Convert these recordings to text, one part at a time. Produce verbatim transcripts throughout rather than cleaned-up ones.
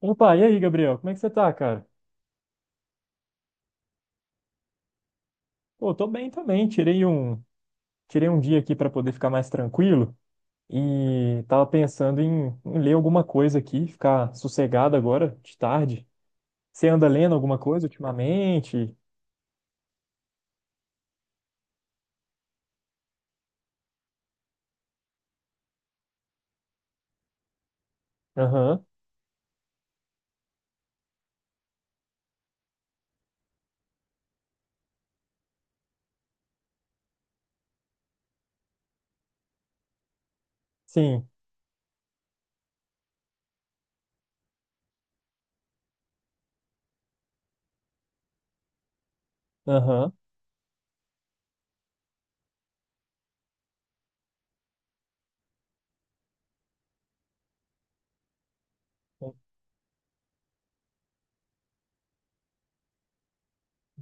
Opa, e aí, Gabriel? Como é que você tá, cara? Pô, tô bem também. Tirei um, tirei um dia aqui pra poder ficar mais tranquilo e tava pensando em, em ler alguma coisa aqui, ficar sossegado agora, de tarde. Você anda lendo alguma coisa ultimamente? Aham, sim, aham,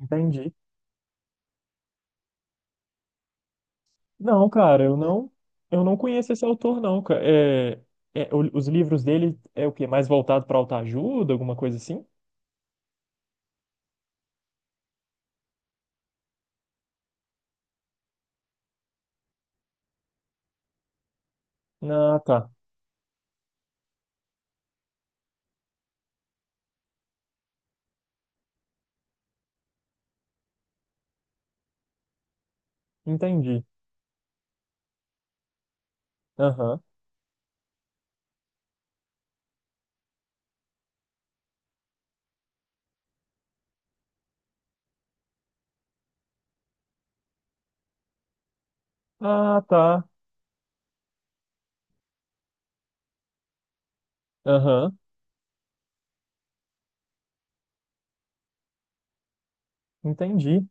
entendi. Não, cara, eu não, eu não conheço esse autor, não, cara. É, é, o- os livros dele é o quê? Mais voltado pra autoajuda, alguma coisa assim? Ah, tá, entendi. Aham. Ah, tá. Aham. Entendi,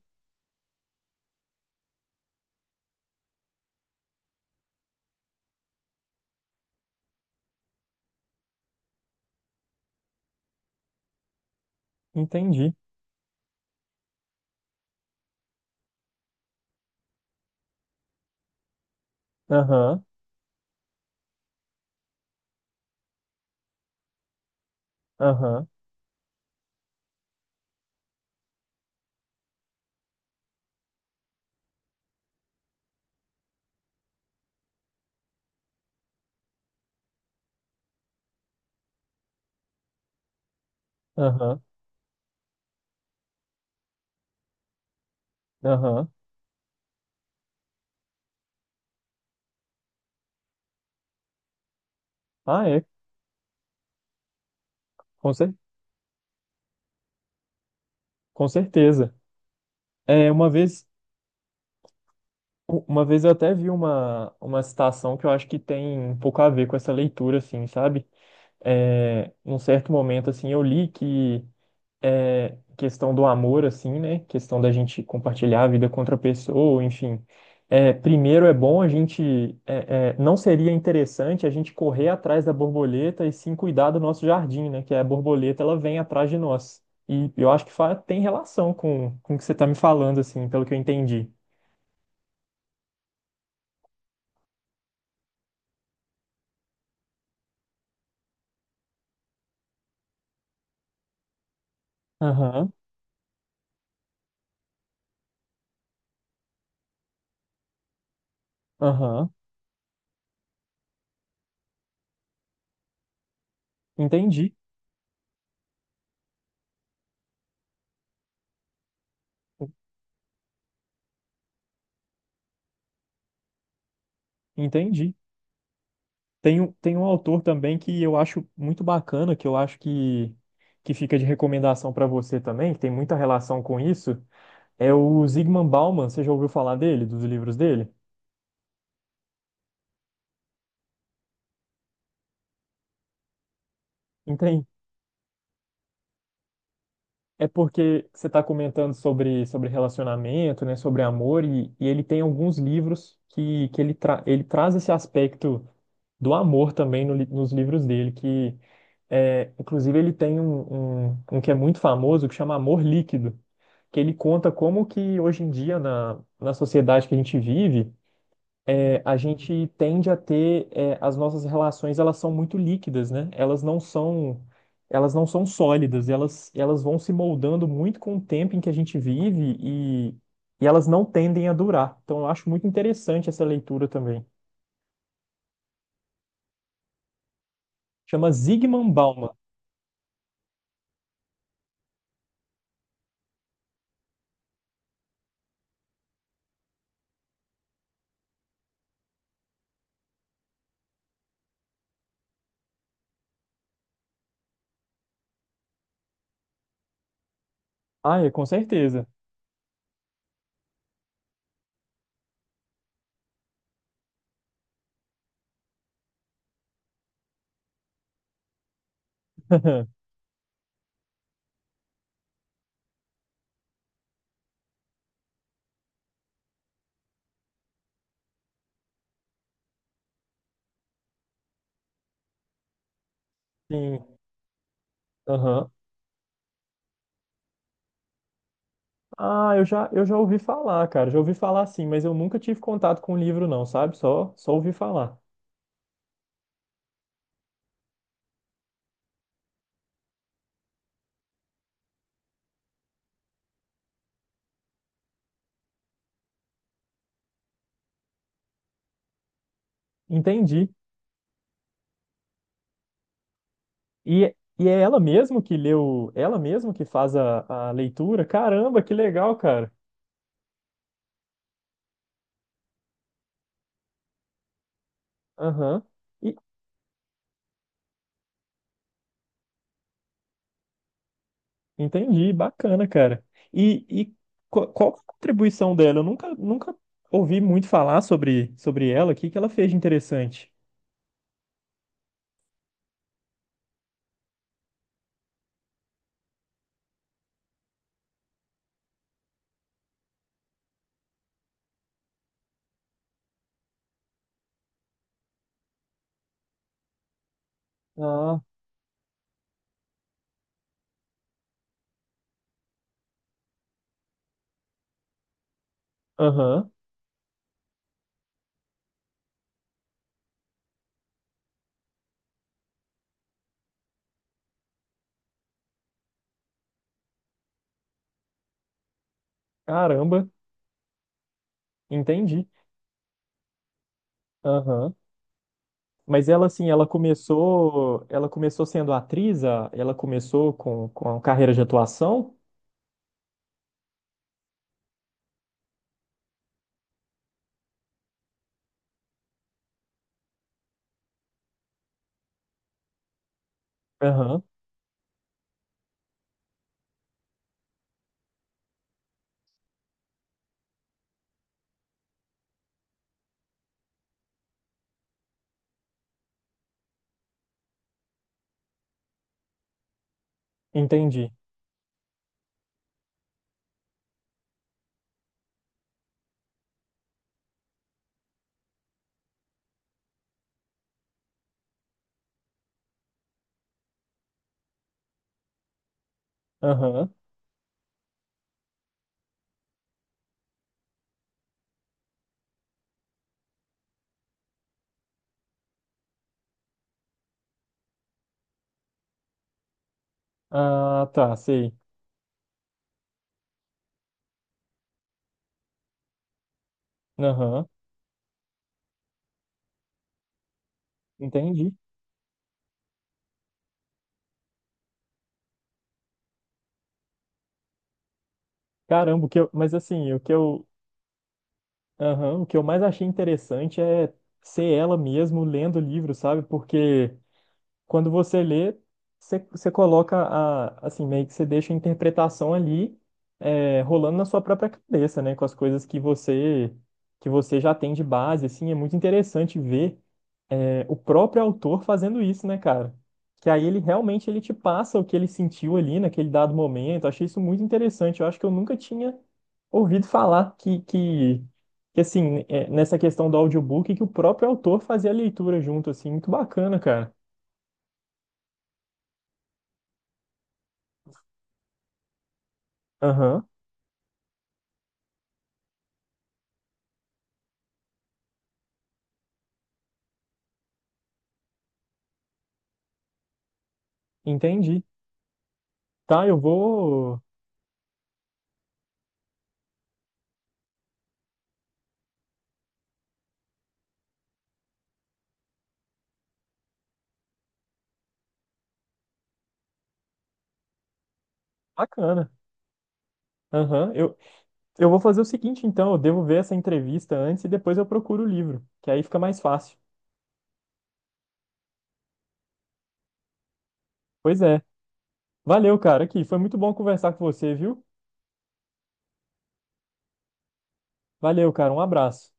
entendi. Aham, aham, aham, aham. Ah, é, com, cer com certeza. É, uma vez, uma vez eu até vi uma, uma citação que eu acho que tem um pouco a ver com essa leitura, assim, sabe? É, num certo momento, assim, eu li que é, questão do amor, assim, né? Questão da gente compartilhar a vida com outra pessoa, enfim. É, primeiro é bom a gente. É, é, não seria interessante a gente correr atrás da borboleta e sim cuidar do nosso jardim, né? Que é a borboleta ela vem atrás de nós. E eu acho que fa- tem relação com, com o que você está me falando, assim, pelo que eu entendi. Aham, aham. Entendi, entendi. Tem, um- tem um autor também que eu acho muito bacana, que eu acho que, que fica de recomendação para você também, que tem muita relação com isso, é o Zygmunt Bauman. Você já ouviu falar dele, dos livros dele? Então, é porque você está comentando sobre, sobre relacionamento, né, sobre amor, e, e ele tem alguns livros que, que ele, tra ele traz esse aspecto do amor também no li- nos livros dele, que é, inclusive ele tem um, um, um que é muito famoso que chama Amor Líquido, que ele conta como que hoje em dia na, na sociedade que a gente vive, é, a gente tende a ter, é, as nossas relações, elas são muito líquidas, né? Elas não são, elas não são sólidas, elas, elas vão se moldando muito com o tempo em que a gente vive e, e elas não tendem a durar. Então, eu acho muito interessante essa leitura também. Chama Zygmunt Bauman. Ah, é, com certeza. Sim. Aham. Ah, eu já, eu já ouvi falar, cara. Já ouvi falar sim, mas eu nunca tive contato com o livro, não, sabe? Só, só ouvi falar. Entendi. E, e é ela mesmo que leu, ela mesmo que faz a, a leitura? Caramba, que legal, cara. Aham. E- Entendi, bacana, cara. E, e qual, qual que é a contribuição dela? Eu nunca, nunca ouvi muito falar sobre, sobre ela. O que que ela fez de interessante? Ah, aham. Caramba, entendi. Aham. Mas ela, assim, ela começou, ela começou sendo atriz, a- ela começou com, com a carreira de atuação? Aham, entendi. Aham. Ah, tá, sei. Aham, entendi. Caramba, o que eu, mas assim, o que eu, aham, o que eu mais achei interessante é ser ela mesmo lendo o livro, sabe? Porque quando você lê, você, você coloca a, assim, meio que você deixa a interpretação ali, é, rolando na sua própria cabeça, né? Com as coisas que você, que você já tem de base, assim, é muito interessante ver. É, o próprio autor fazendo isso, né, cara? Que aí ele realmente ele te passa o que ele sentiu ali naquele dado momento. Achei isso muito interessante. Eu acho que eu nunca tinha ouvido falar que, que, que assim, é, nessa questão do audiobook, que o próprio autor fazia a leitura junto, assim, muito bacana, cara. Aham, entendi. Tá, eu vou. Bacana. Aham, eu, eu vou fazer o seguinte, então, eu devo ver essa entrevista antes e depois eu procuro o livro, que aí fica mais fácil. Pois é. Valeu, cara, aqui. Foi muito bom conversar com você, viu? Valeu, cara. Um abraço.